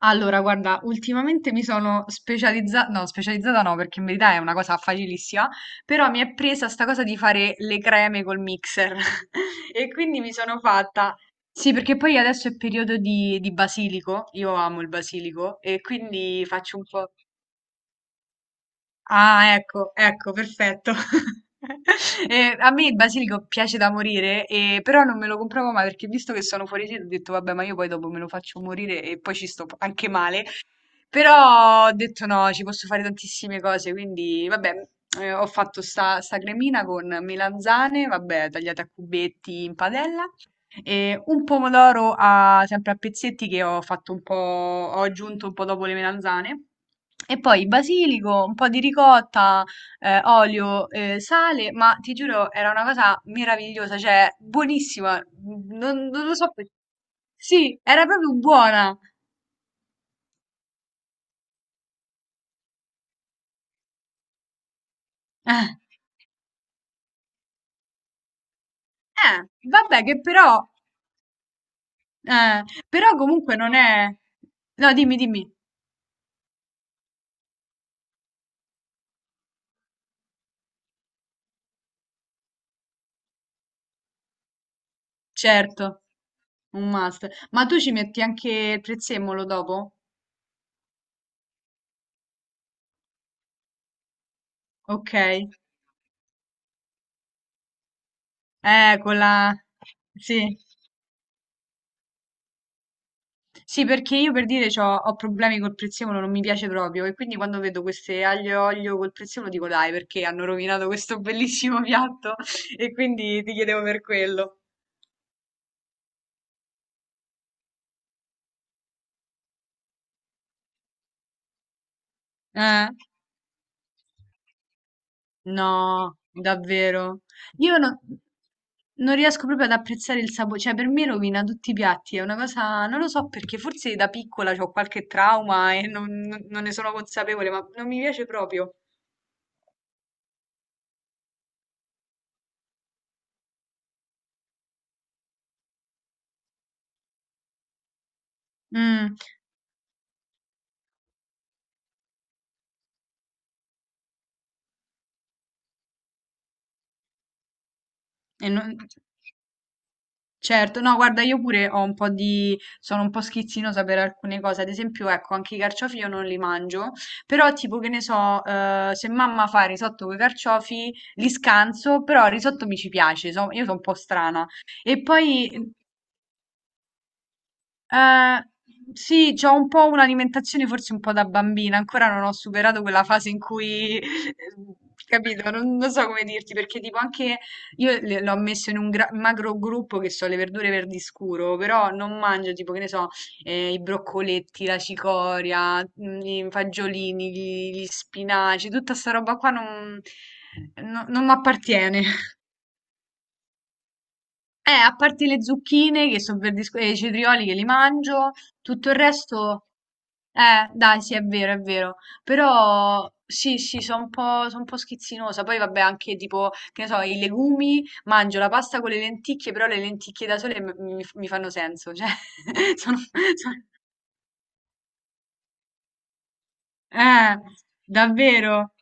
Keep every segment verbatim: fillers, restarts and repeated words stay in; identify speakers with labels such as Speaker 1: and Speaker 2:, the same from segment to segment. Speaker 1: Allora, guarda, ultimamente mi sono specializzata, no, specializzata no, perché in verità è una cosa facilissima, però mi è presa sta cosa di fare le creme col mixer e quindi mi sono fatta. Sì, perché poi adesso è periodo di, di basilico, io amo il basilico e quindi faccio un po'. Ah, ecco, ecco, perfetto. E a me il basilico piace da morire, e- però non me lo compravo mai perché visto che sono fuori sede ho detto vabbè, ma io poi dopo me lo faccio morire e poi ci sto anche male. Però ho detto no, ci posso fare tantissime cose, quindi vabbè, eh, ho fatto sta, sta cremina con melanzane, vabbè, tagliate a cubetti in padella, e un pomodoro a- sempre a pezzetti che ho fatto un po', ho aggiunto un po' dopo le melanzane. E poi basilico, un po' di ricotta, eh, olio, eh, sale, ma ti giuro era una cosa meravigliosa, cioè buonissima, non, non lo so perché. Sì, era proprio buona. Eh, vabbè che però, eh, però comunque non è... No, dimmi, dimmi, certo, un must. Ma tu ci metti anche il prezzemolo dopo? Ok. Eh, con la... Sì. Sì, perché io per dire c'ho, ho problemi col prezzemolo, non mi piace proprio. E quindi quando vedo queste aglio e olio col prezzemolo dico dai, perché hanno rovinato questo bellissimo piatto? E quindi ti chiedevo per quello. Eh. No, davvero. Io non, non riesco proprio ad apprezzare il sapore, cioè per me rovina tutti i piatti, è una cosa, non lo so perché, forse da piccola ho qualche trauma e non, non- non ne sono consapevole, ma non mi piace proprio. Mm, e non- certo, no, guarda, io pure ho un po' di... sono un po' schizzinosa per alcune cose, ad esempio, ecco, anche i carciofi io non li mangio, però tipo che ne so, eh, se mamma fa risotto con i carciofi, li scanso, però il risotto mi ci piace, so- io sono un po' strana. E poi, eh, sì, c'ho un po' un'alimentazione forse un po' da bambina, ancora non ho superato quella fase in cui, eh, capito, non, non so come dirti, perché tipo anche io le- l'ho messo in un gra- macro gruppo che so le verdure verdi scuro, però non mangio tipo, che ne so, eh, i broccoletti, la cicoria, mm, i fagiolini, gli, gli spinaci, tutta sta roba qua non, no, non mi appartiene. Eh, a parte le zucchine che sono verdisco e i cetrioli che li mangio, tutto il resto, eh, dai, sì, è vero, è vero. Però sì, sì, sono un po', sono un po' schizzinosa. Poi vabbè, anche tipo, che ne so, i legumi, mangio la pasta con le lenticchie, però le lenticchie da sole mi, mi- mi fanno senso, cioè, sono, sono- eh, davvero,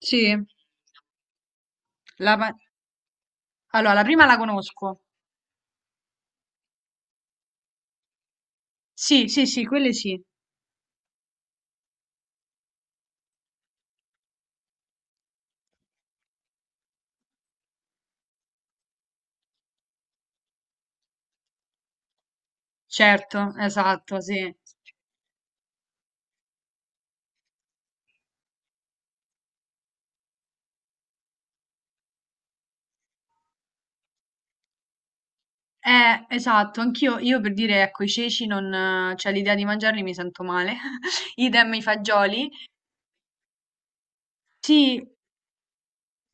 Speaker 1: sì. La pa- allora, la prima la conosco. Sì, sì, sì, quelle sì, certo, esatto, sì. Eh, esatto, anch'io, io per dire, ecco, i ceci non, eh, cioè l'idea di mangiarli mi sento male. Idem i fagioli. Sì,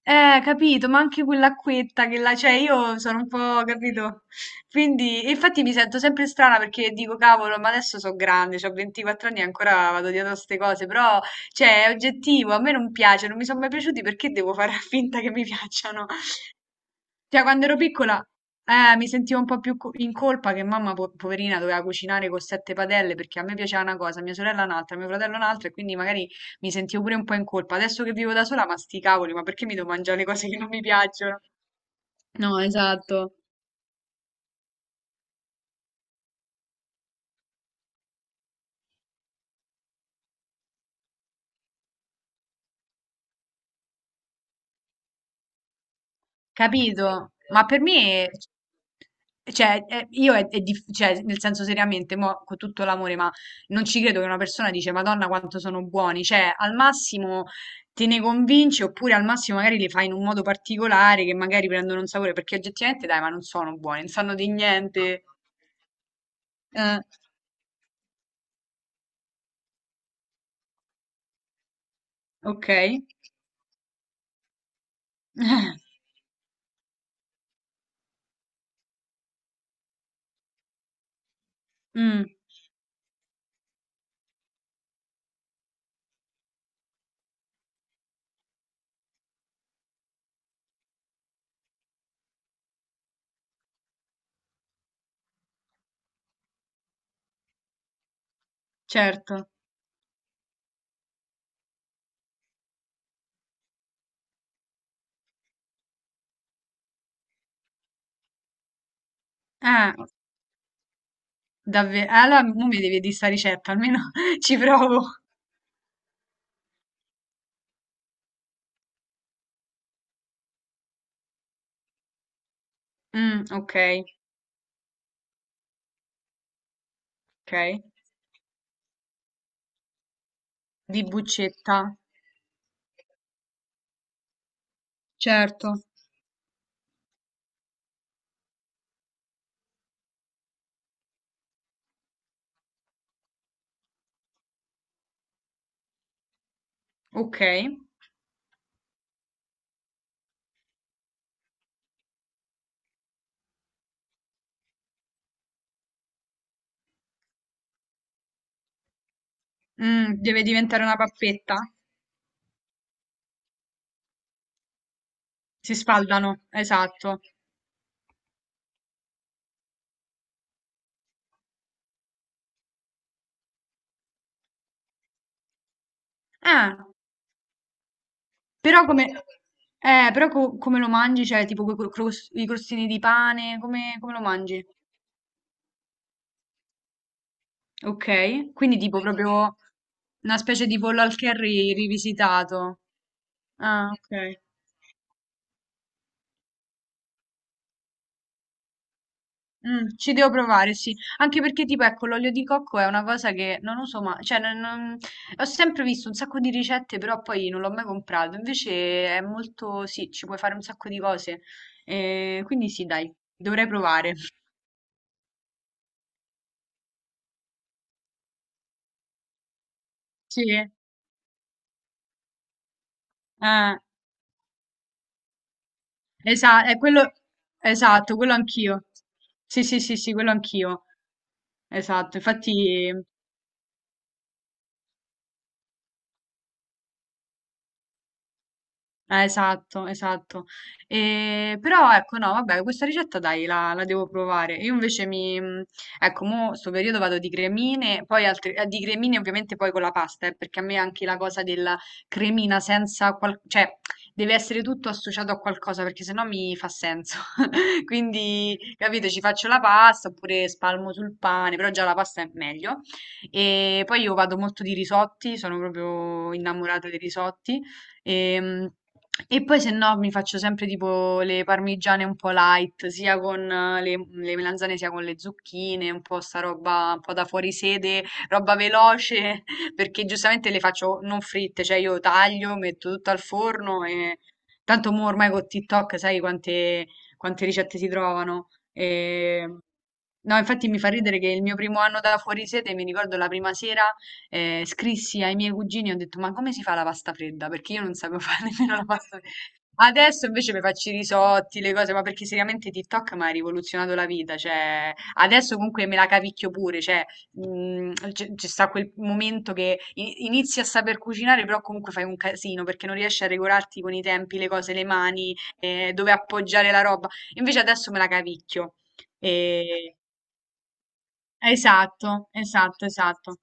Speaker 1: eh, capito, ma anche quell'acquetta che la, cioè io sono un po', capito? Quindi, e infatti mi sento sempre strana perché dico, cavolo, ma adesso sono grande, ho ventiquattro anni e ancora vado dietro a queste cose, però, cioè, è oggettivo, a me non piace, non mi sono mai piaciuti, perché devo fare finta che mi piacciono? Cioè, quando ero piccola, eh, mi sentivo un po' più co- in colpa che mamma, po- poverina, doveva cucinare con sette padelle perché a me piaceva una cosa, a mia sorella un'altra, a mio fratello un'altra, e quindi magari mi sentivo pure un po' in colpa. Adesso che vivo da sola, ma sti cavoli, ma perché mi devo mangiare le cose che non mi piacciono? No, esatto. Capito? Ma per me, cioè, eh, io è, è dif- cioè, nel senso seriamente, mo, con tutto l'amore, ma non ci credo che una persona dice, Madonna, quanto sono buoni. Cioè, al massimo te ne convinci, oppure al massimo magari li fai in un modo particolare, che magari prendono un sapore, perché oggettivamente, dai, ma non sono buoni, non sanno di niente. Eh, ok. Mm, certo. Eh, davvero. Allora, mo mi devi di sta ricetta, almeno ci provo. Mm, ok, ok. Di bucetta. Certo. Ok. Mm, deve diventare una pappetta? Si sfaldano, esatto. Ah, però come... Eh, però co- come lo mangi? Cioè, tipo quei cro- cros- i crostini di pane, come, come lo mangi? Ok. Quindi tipo proprio una specie di pollo al curry rivisitato. Ah, ok. Mh, ci devo provare, sì. Anche perché tipo, ecco, l'olio di cocco è una cosa che non uso ma cioè non non ho sempre visto un sacco di ricette, però poi non l'ho mai comprato. Invece è molto sì, ci puoi fare un sacco di cose. Ehm, quindi sì, dai, dovrei provare. Sì, eh, esa è quello esatto, quello anch'io. Sì, sì, sì, sì, quello anch'io. Esatto, infatti eh, esatto, esatto. E, però ecco, no, vabbè, questa ricetta dai, la, la devo provare. Io invece mi, mh, ecco, mo sto periodo vado di cremine, poi altri, eh, di cremine ovviamente poi con la pasta, eh, perché a me anche la cosa della cremina senza qual- cioè deve essere tutto associato a qualcosa, perché sennò mi fa senso. Quindi, capito, ci faccio la pasta oppure spalmo sul pane, però già la pasta è meglio. E poi io vado molto di risotti, sono proprio innamorata dei risotti. Ehm, e poi se no mi faccio sempre tipo le parmigiane un po' light, sia con eh, le, le melanzane sia con le zucchine, un po' sta roba un po' da fuori sede, roba veloce, perché giustamente le faccio non fritte, cioè io taglio, metto tutto al forno e tanto mo ormai con TikTok sai quante, quante ricette si trovano. E no, infatti mi fa ridere che il mio primo anno da fuori sede, mi ricordo la prima sera, eh, scrissi ai miei cugini e ho detto: Ma come si fa la pasta fredda? Perché io non sapevo fare nemmeno la pasta fredda. Adesso invece mi faccio i risotti, le cose, ma perché seriamente TikTok mi ha rivoluzionato la vita. Cioè, adesso comunque me la cavicchio pure. Cioè, mm, c'è c'è sta quel momento che i- inizi a saper cucinare, però comunque fai un casino perché non riesci a regolarti con i tempi, le cose, le mani, eh, dove appoggiare la roba. Invece adesso me la cavicchio. E esatto, esatto, esatto.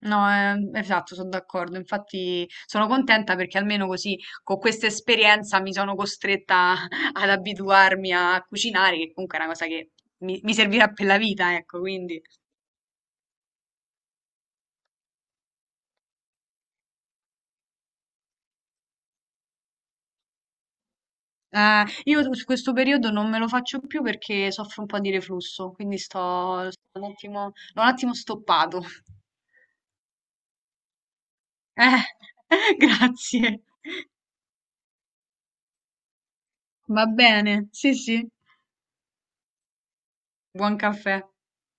Speaker 1: No, ehm, esatto, sono d'accordo. Infatti sono contenta perché almeno così con questa esperienza mi sono costretta ad abituarmi a cucinare, che comunque è una cosa che mi, mi servirà per la vita, ecco, quindi. Eh, io su questo periodo non me lo faccio più perché soffro un po' di reflusso, quindi sto, sto un attimo, l'ho un attimo stoppato. Eh, grazie. Va bene, sì, sì. Buon caffè.